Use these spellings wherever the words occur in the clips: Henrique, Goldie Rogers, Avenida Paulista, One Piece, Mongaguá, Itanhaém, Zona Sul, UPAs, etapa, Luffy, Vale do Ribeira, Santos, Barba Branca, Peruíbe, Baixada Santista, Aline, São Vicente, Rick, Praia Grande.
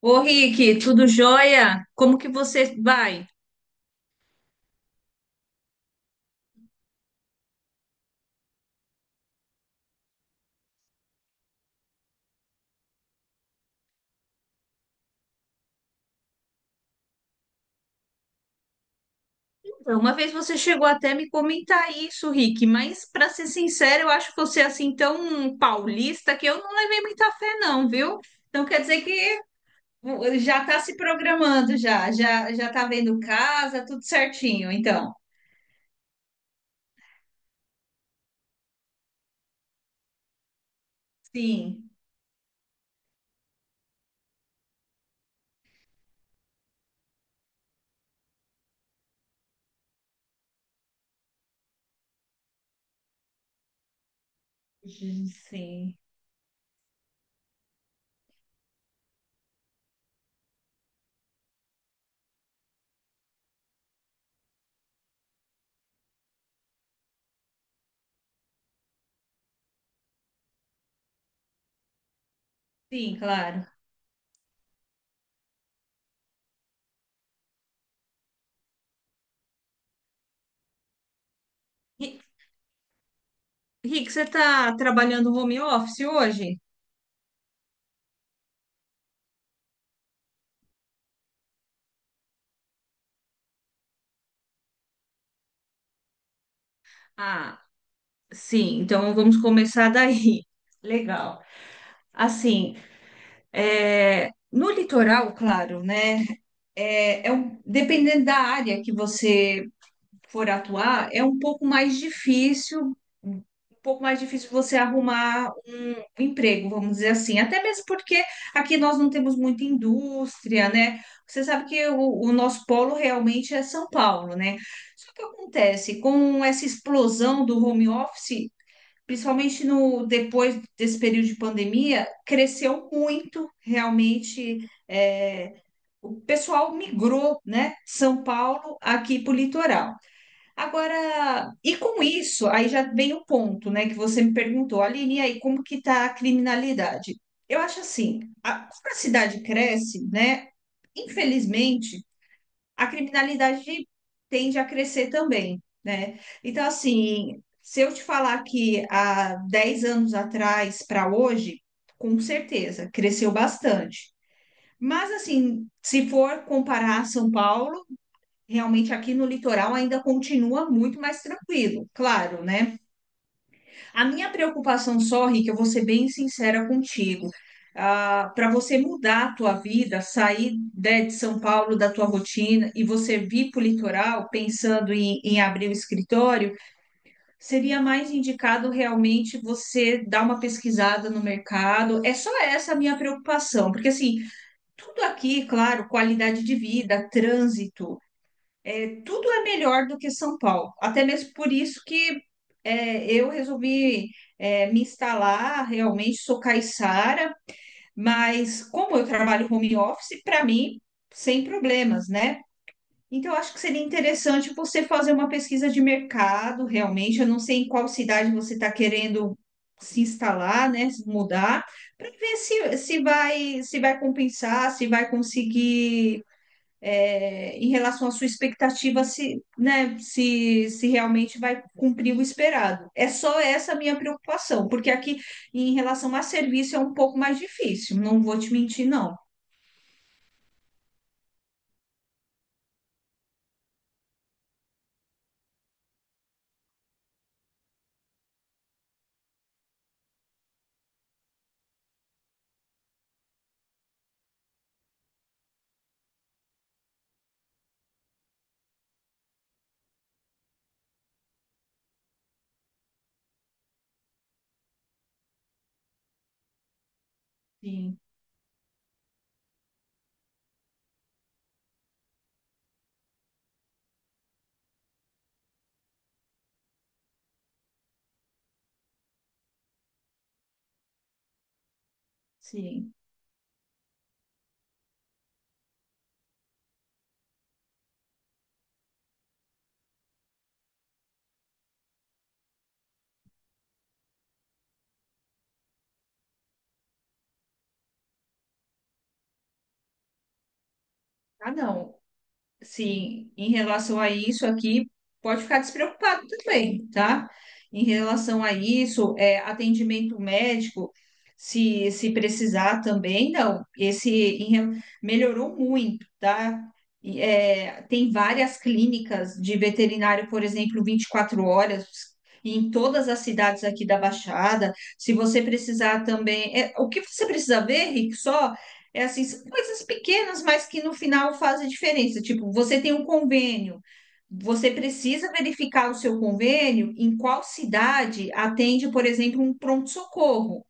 Ô, Rick, tudo jóia? Como que você vai? Então, uma vez você chegou até me comentar isso, Rick, mas para ser sincero, eu acho você assim tão paulista que eu não levei muita fé não, viu? Então quer dizer que já tá se programando, já tá vendo casa, tudo certinho, então. Sim. Sim. Sim, claro. Ri- Rick, você tá trabalhando home office hoje? Ah, sim, então vamos começar daí. Legal. Assim, é, no litoral, claro, né? É, dependendo da área que você for atuar, é um pouco mais difícil, um pouco mais difícil você arrumar um emprego, vamos dizer assim. Até mesmo porque aqui nós não temos muita indústria, né? Você sabe que o nosso polo realmente é São Paulo, né? Só que acontece, com essa explosão do home office, principalmente no depois desse período de pandemia, cresceu muito realmente. É, o pessoal migrou, né, São Paulo aqui para o litoral. Agora, e com isso, aí já vem o ponto, né, que você me perguntou, Aline, e aí como que está a criminalidade? Eu acho assim, a, como a cidade cresce, né? Infelizmente, a criminalidade tende a crescer também, né? Então, assim, se eu te falar que há 10 anos atrás para hoje, com certeza, cresceu bastante. Mas, assim, se for comparar São Paulo, realmente aqui no litoral ainda continua muito mais tranquilo, claro, né? A minha preocupação só, Rick, eu vou ser bem sincera contigo. Para você mudar a tua vida, sair né, de São Paulo, da tua rotina, e você vir para o litoral, pensando em abrir o escritório, seria mais indicado realmente você dar uma pesquisada no mercado. É só essa a minha preocupação, porque assim, tudo aqui, claro, qualidade de vida, trânsito, tudo é melhor do que São Paulo. Até mesmo por isso que eu resolvi me instalar, realmente sou caiçara, mas como eu trabalho home office, para mim, sem problemas, né? Então, eu acho que seria interessante você fazer uma pesquisa de mercado, realmente. Eu não sei em qual cidade você está querendo se instalar, né? Se mudar, para ver se vai, se vai compensar, se vai conseguir, é, em relação à sua expectativa, se, né, se realmente vai cumprir o esperado. É só essa a minha preocupação, porque aqui, em relação a serviço, é um pouco mais difícil, não vou te mentir, não. Sim, sim. Ah, não. Sim, em relação a isso aqui, pode ficar despreocupado também, tá? Em relação a isso, é, atendimento médico, se precisar também, não. Esse melhorou muito, tá? E, é, tem várias clínicas de veterinário, por exemplo, 24 horas, em todas as cidades aqui da Baixada. Se você precisar também. É, o que você precisa ver, Rick, só? É assim, são coisas pequenas, mas que no final fazem diferença. Tipo, você tem um convênio, você precisa verificar o seu convênio em qual cidade atende, por exemplo, um pronto-socorro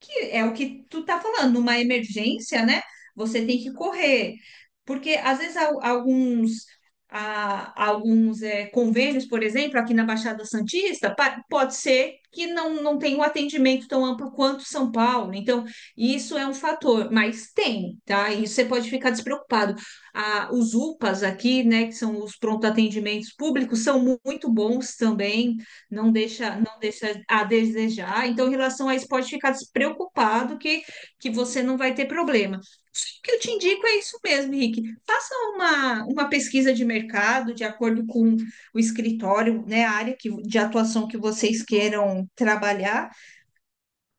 que é o que tu tá falando, numa emergência, né? Você tem que correr, porque às vezes alguns alguns convênios, por exemplo, aqui na Baixada Santista, pode ser que não, não tenha um atendimento tão amplo quanto São Paulo. Então, isso é um fator, mas tem, tá? E você pode ficar despreocupado. Ah, os UPAs aqui, né, que são os pronto atendimentos públicos, são muito bons também, não deixa, não deixa a desejar. Então, em relação a isso, pode ficar despreocupado que você não vai ter problema. O que eu te indico é isso mesmo, Henrique. Faça uma pesquisa de mercado de acordo com o escritório, né, a área que, de atuação que vocês queiram trabalhar.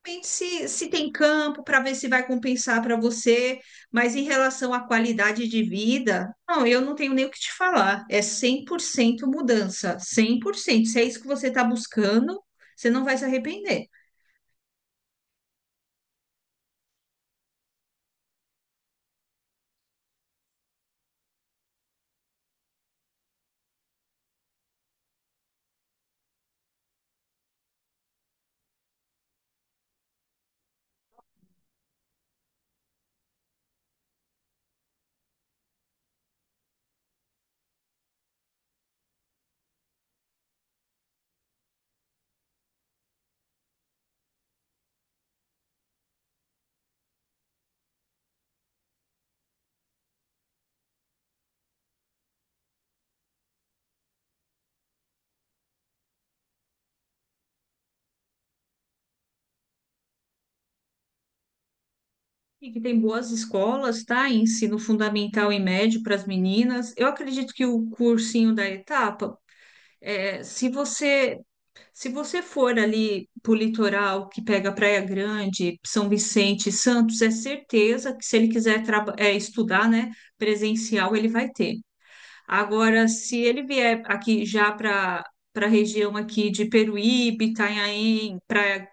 Depende se, se tem campo para ver se vai compensar para você, mas em relação à qualidade de vida, não, eu não tenho nem o que te falar. É 100% mudança, 100%. Se é isso que você está buscando, você não vai se arrepender. E que tem boas escolas, tá? Ensino fundamental e médio para as meninas. Eu acredito que o cursinho da etapa, é, se você se você for ali pro litoral que pega Praia Grande, São Vicente, e Santos, é certeza que se ele quiser é, estudar, né, presencial, ele vai ter. Agora, se ele vier aqui já para para a região aqui de Peruíbe, Itanhaém, para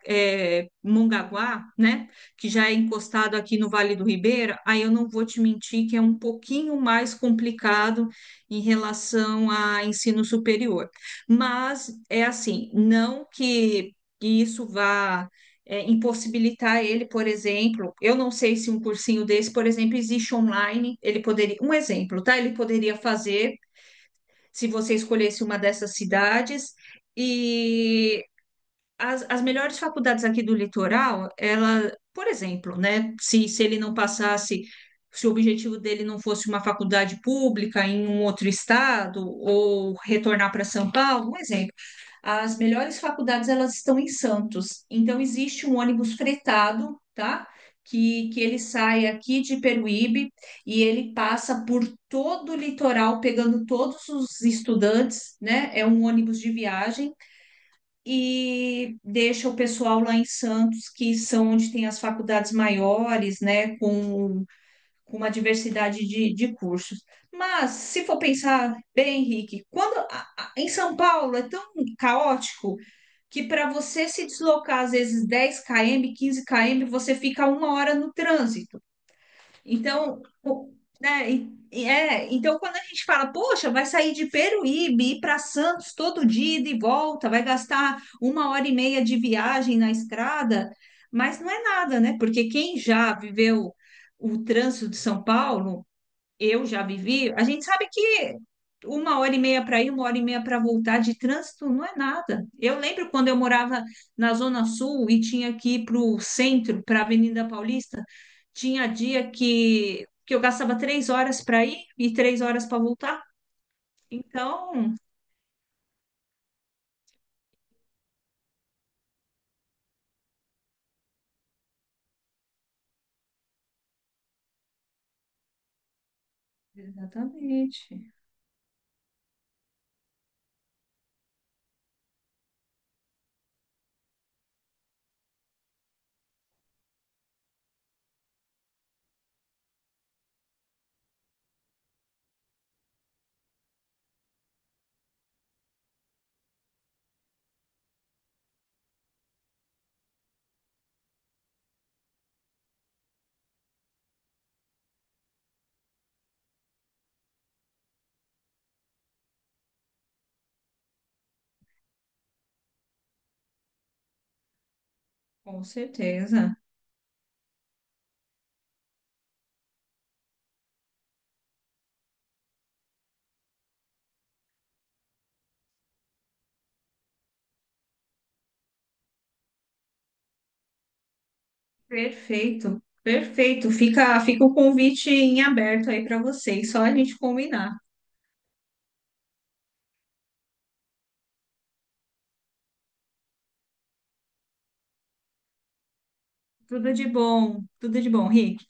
Mongaguá, né, que já é encostado aqui no Vale do Ribeira, aí eu não vou te mentir que é um pouquinho mais complicado em relação a ensino superior. Mas é assim, não que isso vá, é, impossibilitar ele, por exemplo, eu não sei se um cursinho desse, por exemplo, existe online, ele poderia, um exemplo, tá? Ele poderia fazer se você escolhesse uma dessas cidades. E as melhores faculdades aqui do litoral, ela, por exemplo, né, se ele não passasse, se o objetivo dele não fosse uma faculdade pública em um outro estado ou retornar para São Paulo, um exemplo, as melhores faculdades elas estão em Santos. Então existe um ônibus fretado, tá? Que ele sai aqui de Peruíbe e ele passa por todo o litoral, pegando todos os estudantes, né? É um ônibus de viagem e deixa o pessoal lá em Santos, que são onde tem as faculdades maiores, né, com uma diversidade de cursos. Mas, se for pensar bem, Henrique, em São Paulo é tão caótico que para você se deslocar, às vezes, 10 km, 15 km, você fica uma hora no trânsito. Então, né, e é, então quando a gente fala, poxa, vai sair de Peruíbe, ir para Santos todo dia ida e de volta, vai gastar uma hora e meia de viagem na estrada, mas não é nada, né? Porque quem já viveu o trânsito de São Paulo eu já vivi, a gente sabe que uma hora e meia para ir, uma hora e meia para voltar de trânsito não é nada. Eu lembro quando eu morava na Zona Sul e tinha que ir para o centro, para a Avenida Paulista, tinha dia que eu gastava três horas para ir e três horas para voltar. Então, exatamente, com certeza. Perfeito, perfeito. Fica, fica o convite em aberto aí para vocês, só a gente combinar. Tudo de bom, Rick.